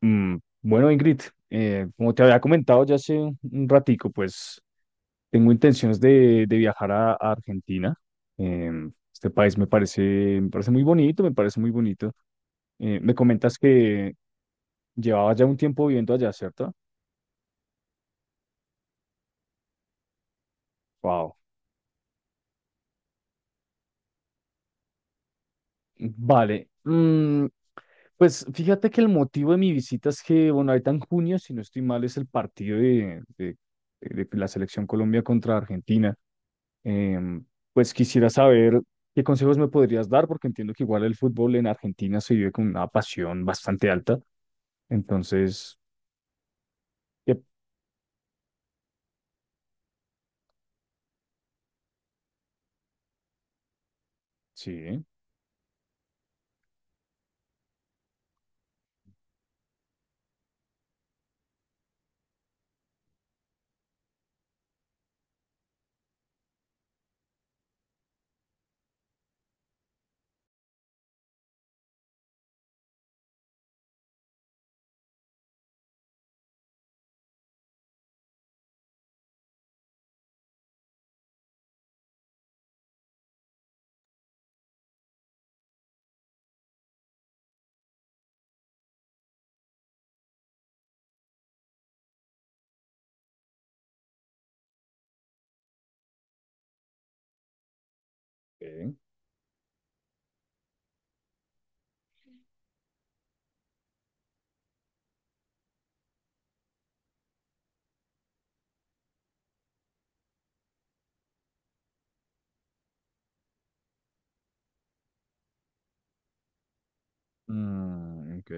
Mm, bueno, Ingrid, como te había comentado ya hace un ratico, pues tengo intenciones de viajar a Argentina. Este país me parece muy bonito, me parece muy bonito. Me comentas que llevabas ya un tiempo viviendo allá, ¿cierto? Wow. Vale. Pues fíjate que el motivo de mi visita es que, bueno, ahorita en junio, si no estoy mal, es el partido de de la selección Colombia contra Argentina. Em, pues quisiera saber qué consejos me podrías dar, porque entiendo que igual el fútbol en Argentina se vive con una pasión bastante alta. Entonces, ¿qué- sí, ok. Mm, ok.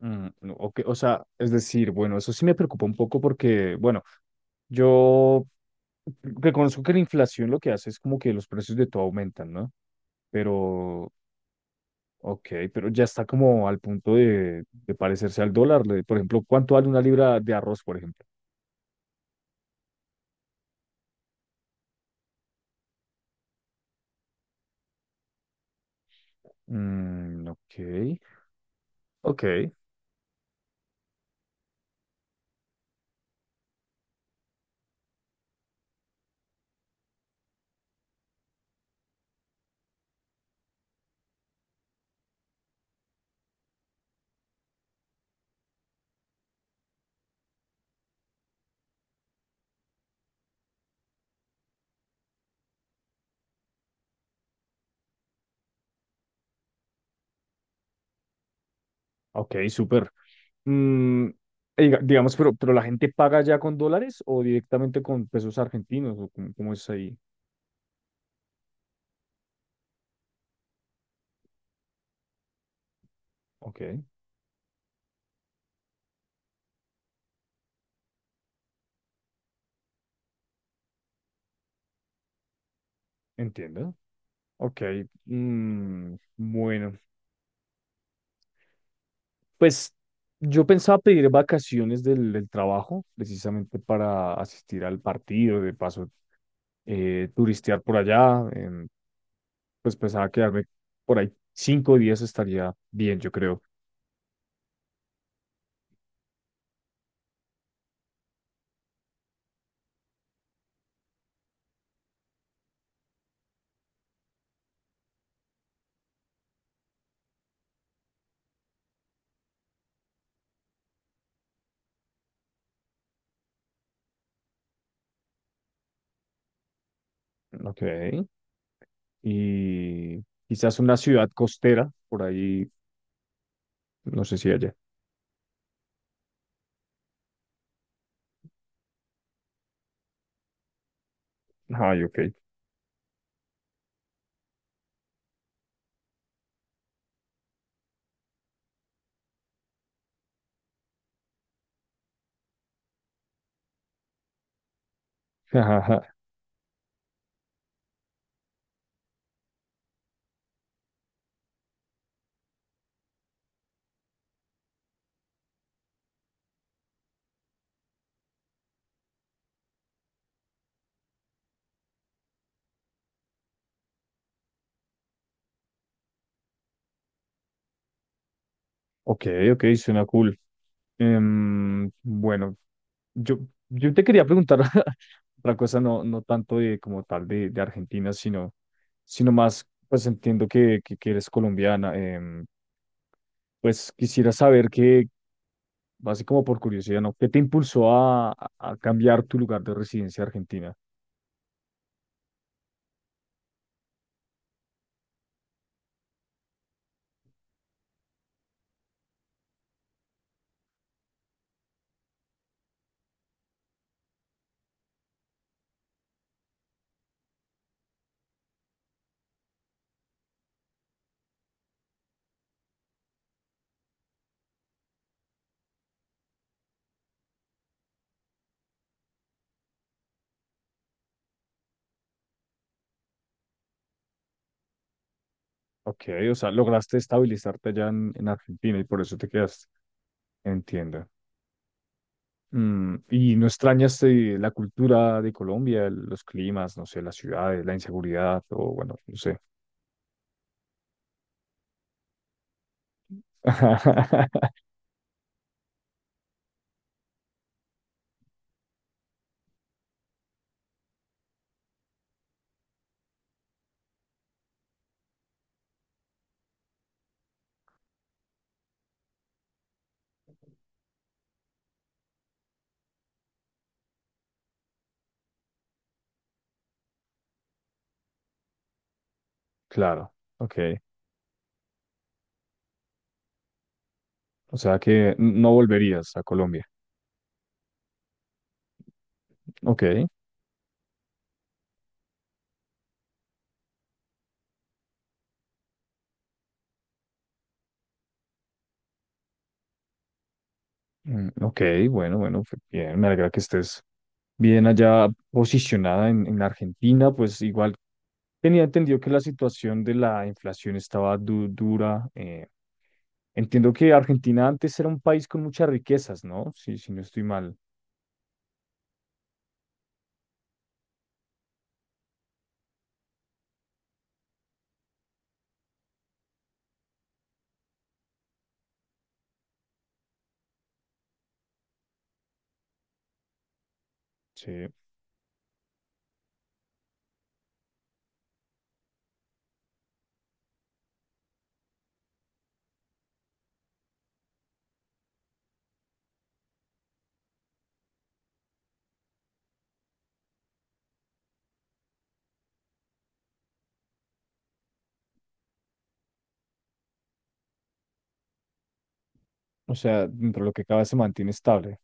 Mm, no, ok. O sea, es decir, bueno, eso sí me preocupa un poco porque, bueno, yo reconozco que la inflación lo que hace es como que los precios de todo aumentan, ¿no? Pero, ok, pero ya está como al punto de parecerse al dólar. Por ejemplo, ¿cuánto vale una libra de arroz, por ejemplo? Mm, ok, ok, ok, súper. Mm, digamos, pero la gente paga ya con dólares o directamente con pesos argentinos o cómo es ahí. Ok, entiendo. Ok, bueno, pues yo pensaba pedir vacaciones del trabajo precisamente para asistir al partido, de paso, turistear por allá, pues pensaba quedarme por ahí 5 días estaría bien, yo creo. Ok. Y quizás una ciudad costera, por ahí, no sé si allá. Ay, ok. Ok, ok, suena cool. Bueno, yo, yo te quería preguntar otra cosa, no, no tanto de como tal de Argentina, sino más, pues entiendo que eres colombiana. Pues quisiera saber que, así como por curiosidad, ¿no? ¿Qué te impulsó a cambiar tu lugar de residencia a Argentina? Ok, o sea, lograste estabilizarte allá en Argentina y por eso te quedaste. Entiendo. ¿Y no extrañaste la cultura de Colombia, los climas, no sé, las ciudades, la inseguridad o bueno, no sé? Claro, ok. O sea que no volverías a Colombia. Ok, mm, ok, bueno, bueno, bien, me alegra que estés bien allá posicionada en Argentina, pues igual tenía entendido que la situación de la inflación estaba dura. Entiendo que Argentina antes era un país con muchas riquezas, ¿no? Sí, si no estoy mal. Sí. O sea, dentro de lo que cabe se mantiene estable.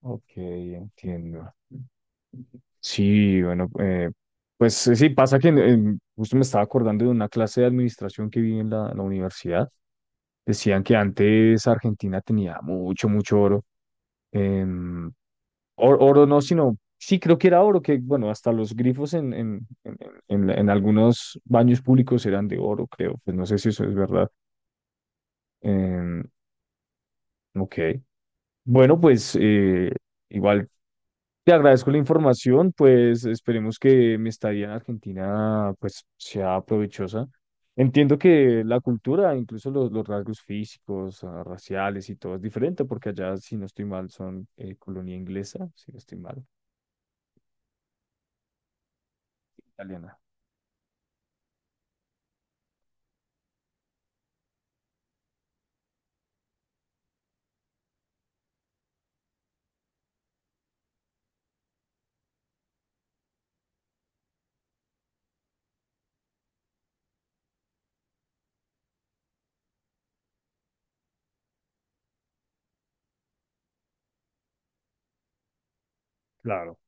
Ok, entiendo. Sí, bueno, pues sí, pasa que justo me estaba acordando de una clase de administración que vi en la universidad. Decían que antes Argentina tenía mucho, mucho oro. em, Oro no, sino, sí, creo que era oro, que bueno, hasta los grifos en algunos baños públicos eran de oro, creo. Pues no sé si eso es verdad. Em, ok. Bueno, pues igual. Te agradezco la información, pues esperemos que mi estadía en Argentina pues sea provechosa. Entiendo que la cultura, incluso los rasgos físicos, ah, raciales y todo es diferente, porque allá, si no estoy mal, son colonia inglesa, si no estoy mal, italiana. Claro.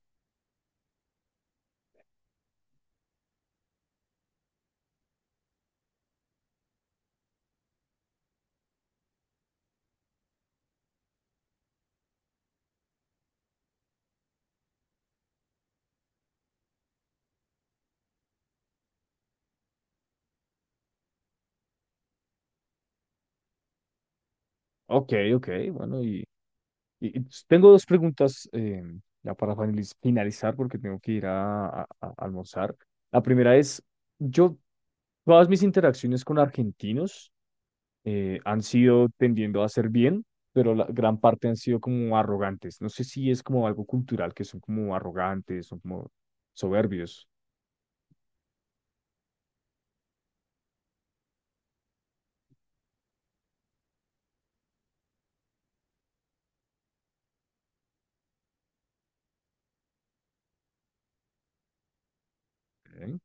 Ok, ok, bueno, y tengo dos preguntas ya para finalizar, porque tengo que ir a almorzar. La primera es, yo, todas mis interacciones con argentinos, han sido tendiendo a hacer bien, pero la gran parte han sido como arrogantes. No sé si es como algo cultural, que son como arrogantes, son como soberbios. Ok,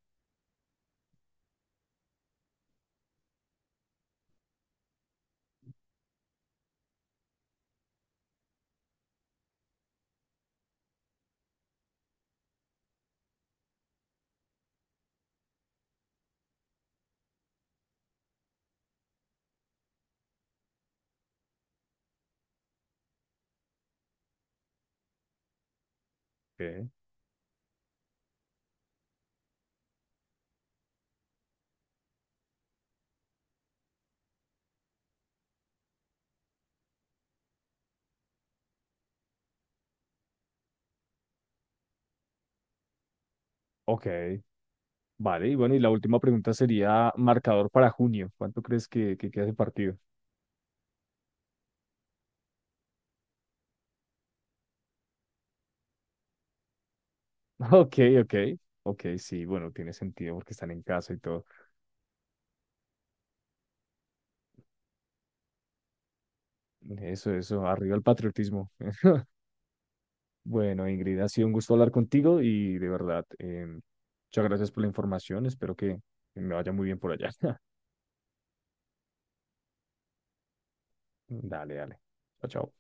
ok, ok. Vale, y bueno, y la última pregunta sería marcador para junio. ¿Cuánto crees que queda de partido? Ok, ok, ok, sí, bueno, tiene sentido porque están en casa y todo. Eso, arriba el patriotismo. Bueno, Ingrid, ha sido un gusto hablar contigo y de verdad, muchas gracias por la información. Espero que me vaya muy bien por allá. Dale, dale. Chao, chao.